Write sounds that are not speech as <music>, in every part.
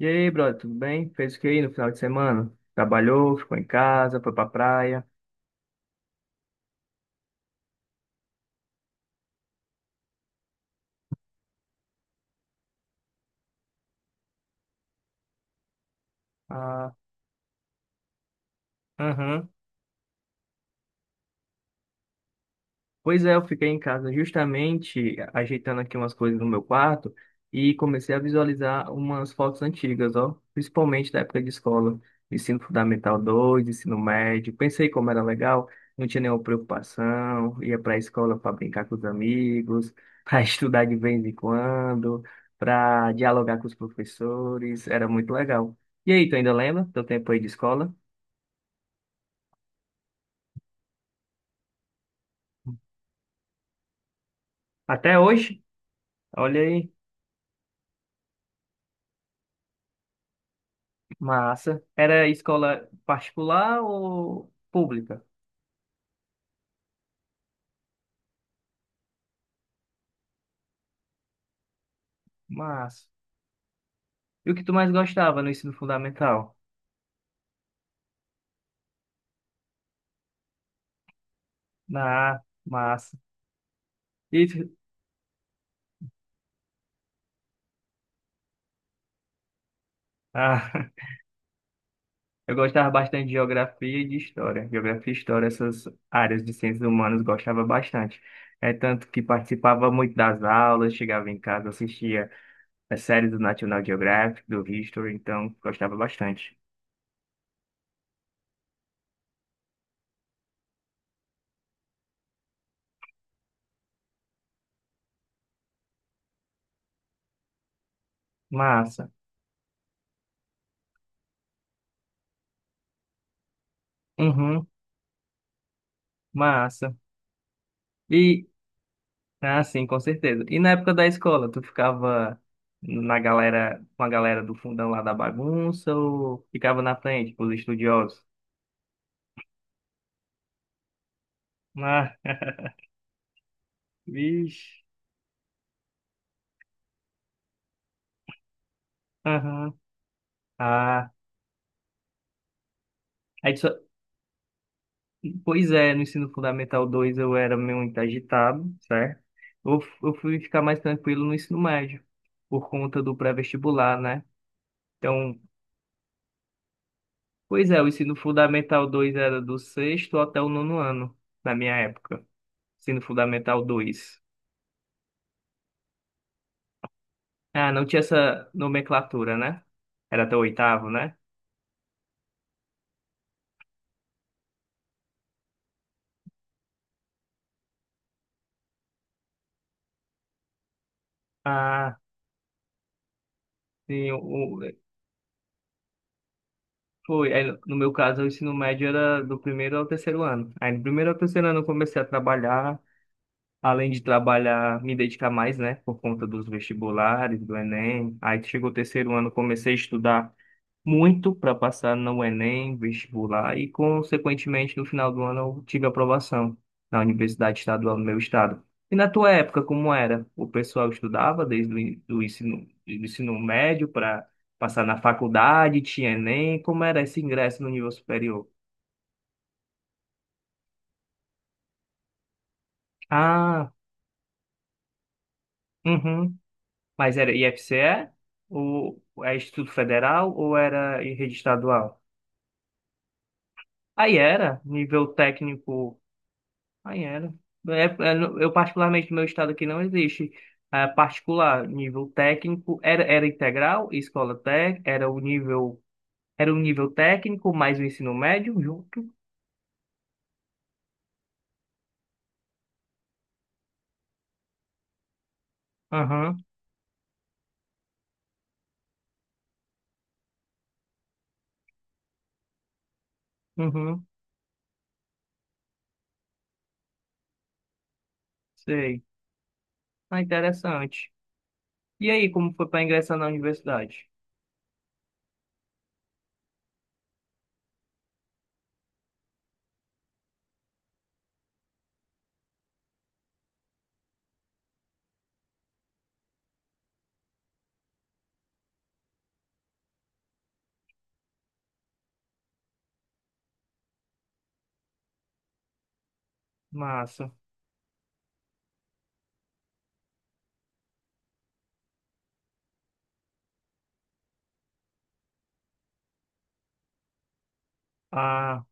E aí, brother, tudo bem? Fez o que aí no final de semana? Trabalhou, ficou em casa, foi pra praia. Ah, aham. Pois é, eu fiquei em casa justamente ajeitando aqui umas coisas no meu quarto e comecei a visualizar umas fotos antigas, ó, principalmente da época de escola, ensino fundamental dois, ensino médio. Pensei como era legal, não tinha nenhuma preocupação, ia para a escola para brincar com os amigos, <laughs> para estudar de vez em quando, para dialogar com os professores, era muito legal. E aí, tu ainda lembra do teu tempo aí de escola? Até hoje? Olha aí. Massa. Era escola particular ou pública? Massa. E o que tu mais gostava no ensino fundamental? Ah, massa. E tu- Ah, <laughs> eu gostava bastante de geografia e de história. Geografia e história, essas áreas de ciências humanas, gostava bastante. É tanto que participava muito das aulas, chegava em casa, assistia as séries do National Geographic, do History, então gostava bastante. Massa. Uhum, massa. E Ah, sim, com certeza. E na época da escola, tu ficava na galera, com a galera do fundão lá da bagunça ou ficava na frente com os estudiosos? Ah, <laughs> vixe. Aham. Ah, aí só... Pois é, no ensino fundamental 2 eu era muito agitado, certo? Eu fui ficar mais tranquilo no ensino médio, por conta do pré-vestibular, né? Então, pois é, o ensino fundamental 2 era do sexto até o nono ano, na minha época. Ensino fundamental 2. Ah, não tinha essa nomenclatura, né? Era até o oitavo, né? Ah, sim, foi. Aí, no meu caso, o ensino médio era do primeiro ao terceiro ano. Aí, no primeiro ao terceiro ano, eu comecei a trabalhar. Além de trabalhar, me dedicar mais, né? Por conta dos vestibulares, do Enem. Aí, chegou o terceiro ano, comecei a estudar muito para passar no Enem, vestibular e, consequentemente, no final do ano eu tive aprovação na Universidade Estadual do meu estado. E na tua época, como era? O pessoal estudava desde do ensino médio para passar na faculdade, tinha Enem, como era esse ingresso no nível superior? Ah, uhum. Mas era IFCE? Ou é Instituto Federal ou era em rede estadual? Aí era nível técnico. Aí era. É, é, no- eu, particularmente, no meu estado aqui não existe eh, particular. Nível técnico era, era integral, escola técnica, era o nível técnico mais o ensino médio junto. Aham, uhum, sei. Ah, interessante. E aí, como foi para ingressar na universidade? Massa. Ah,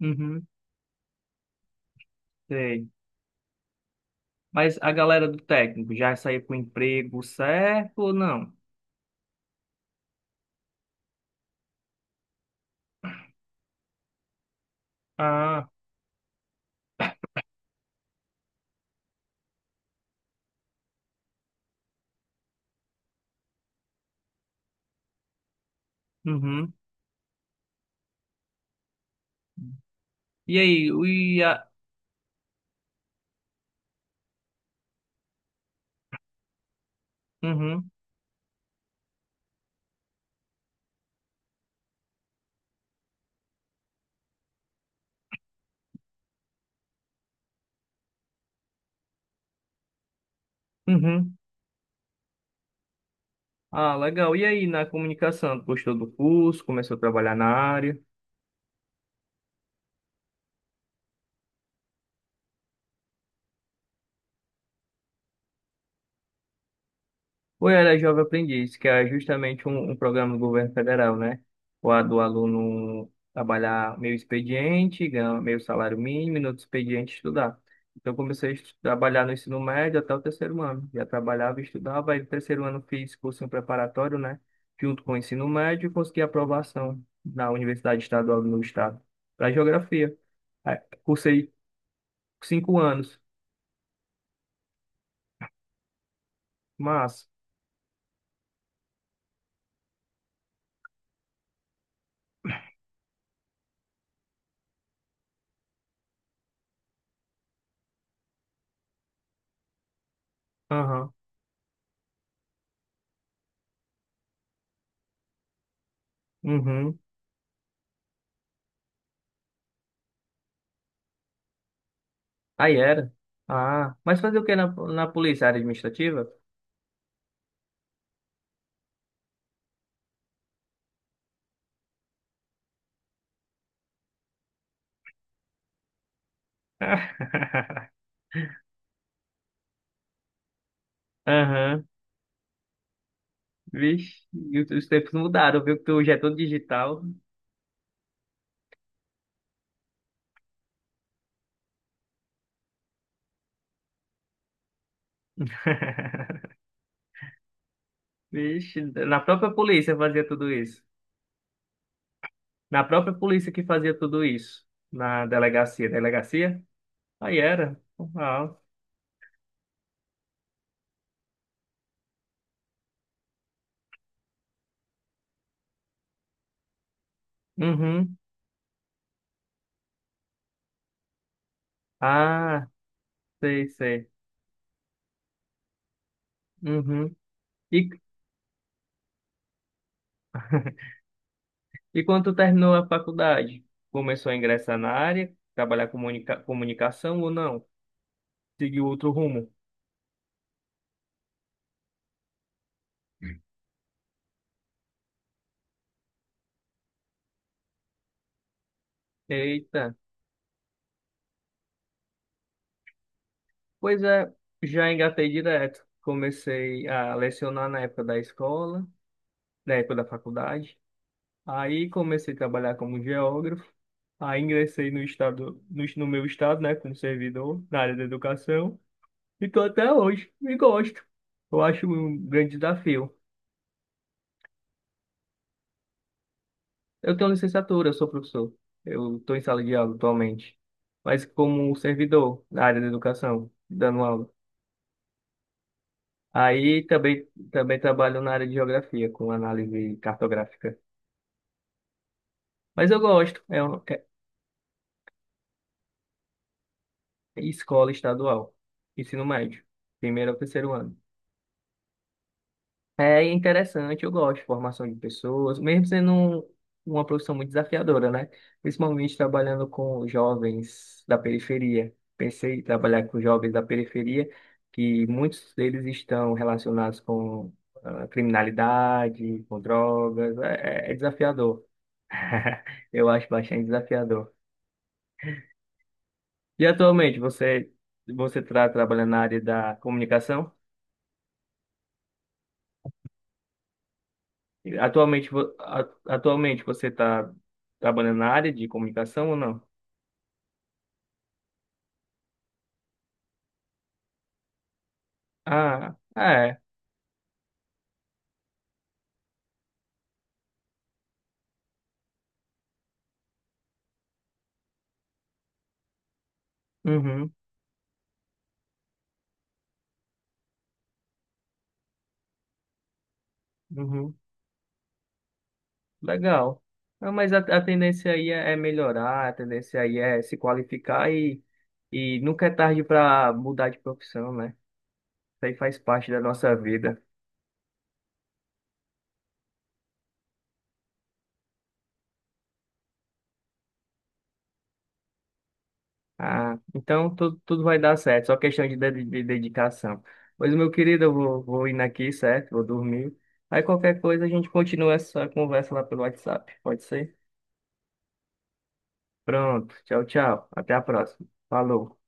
uhum, sei. Mas a galera do técnico já saiu com o emprego certo ou não? Ah, uhum. E aí, o- e a, uhum, uhum. Ah, legal. E aí, na comunicação, tu gostou do curso, começou a trabalhar na área? Ou era Jovem Aprendiz, que é justamente um programa do governo federal, né? O a do aluno trabalhar meio expediente, ganhar meio salário mínimo, e no outro expediente estudar. Então, eu comecei a trabalhar no ensino médio até o terceiro ano. Já trabalhava e estudava, aí no terceiro ano fiz cursinho preparatório, né? Junto com o ensino médio, consegui aprovação na Universidade Estadual do meu estado, para geografia. Aí, cursei 5 anos. Mas, aham. Uhum. Aí era. Ah, mas fazer o que na polícia administrativa? <laughs> Aham. Vixe, e os tempos mudaram, viu? Que tu já é tudo digital. <laughs> Vixe, na própria polícia fazia tudo isso. Na própria polícia que fazia tudo isso. Na delegacia. Delegacia? Aí era. Ah, uhum. Ah, sei, sei. Uhum. E E quando tu terminou a faculdade, começou a ingressar na área, trabalhar com comunicação ou não? Seguiu outro rumo? Eita, pois é, já engatei direto. Comecei a lecionar na época da escola, na época da faculdade. Aí comecei a trabalhar como geógrafo. Aí ingressei no estado, no meu estado, né, como servidor na área da educação. E tô até hoje, e gosto. Eu acho um grande desafio. Eu tenho licenciatura, eu sou professor. Eu estou em sala de aula atualmente, mas como servidor na área da educação, dando aula. Aí também, também trabalho na área de geografia, com análise cartográfica. Mas eu gosto, é, é escola estadual, ensino médio, primeiro ao terceiro ano. É interessante, eu gosto de formação de pessoas, mesmo sendo uma profissão muito desafiadora, né? Principalmente trabalhando com jovens da periferia. Pensei em trabalhar com jovens da periferia, que muitos deles estão relacionados com ah, criminalidade, com drogas. É, é desafiador. <laughs> Eu acho bastante desafiador. E atualmente, você está trabalhando na área da comunicação? Atualmente, atualmente você está trabalhando na área de comunicação ou não? Ah, ah, é. Uhum, uhum. Legal. Ah, mas a tendência aí é melhorar, a tendência aí é se qualificar e nunca é tarde para mudar de profissão, né? Isso aí faz parte da nossa vida. Ah, então tudo, tudo vai dar certo, só questão de dedicação. Pois, meu querido, eu vou, vou indo aqui, certo? Vou dormir. Aí qualquer coisa a gente continua essa conversa lá pelo WhatsApp, pode ser? Pronto. Tchau, tchau. Até a próxima. Falou.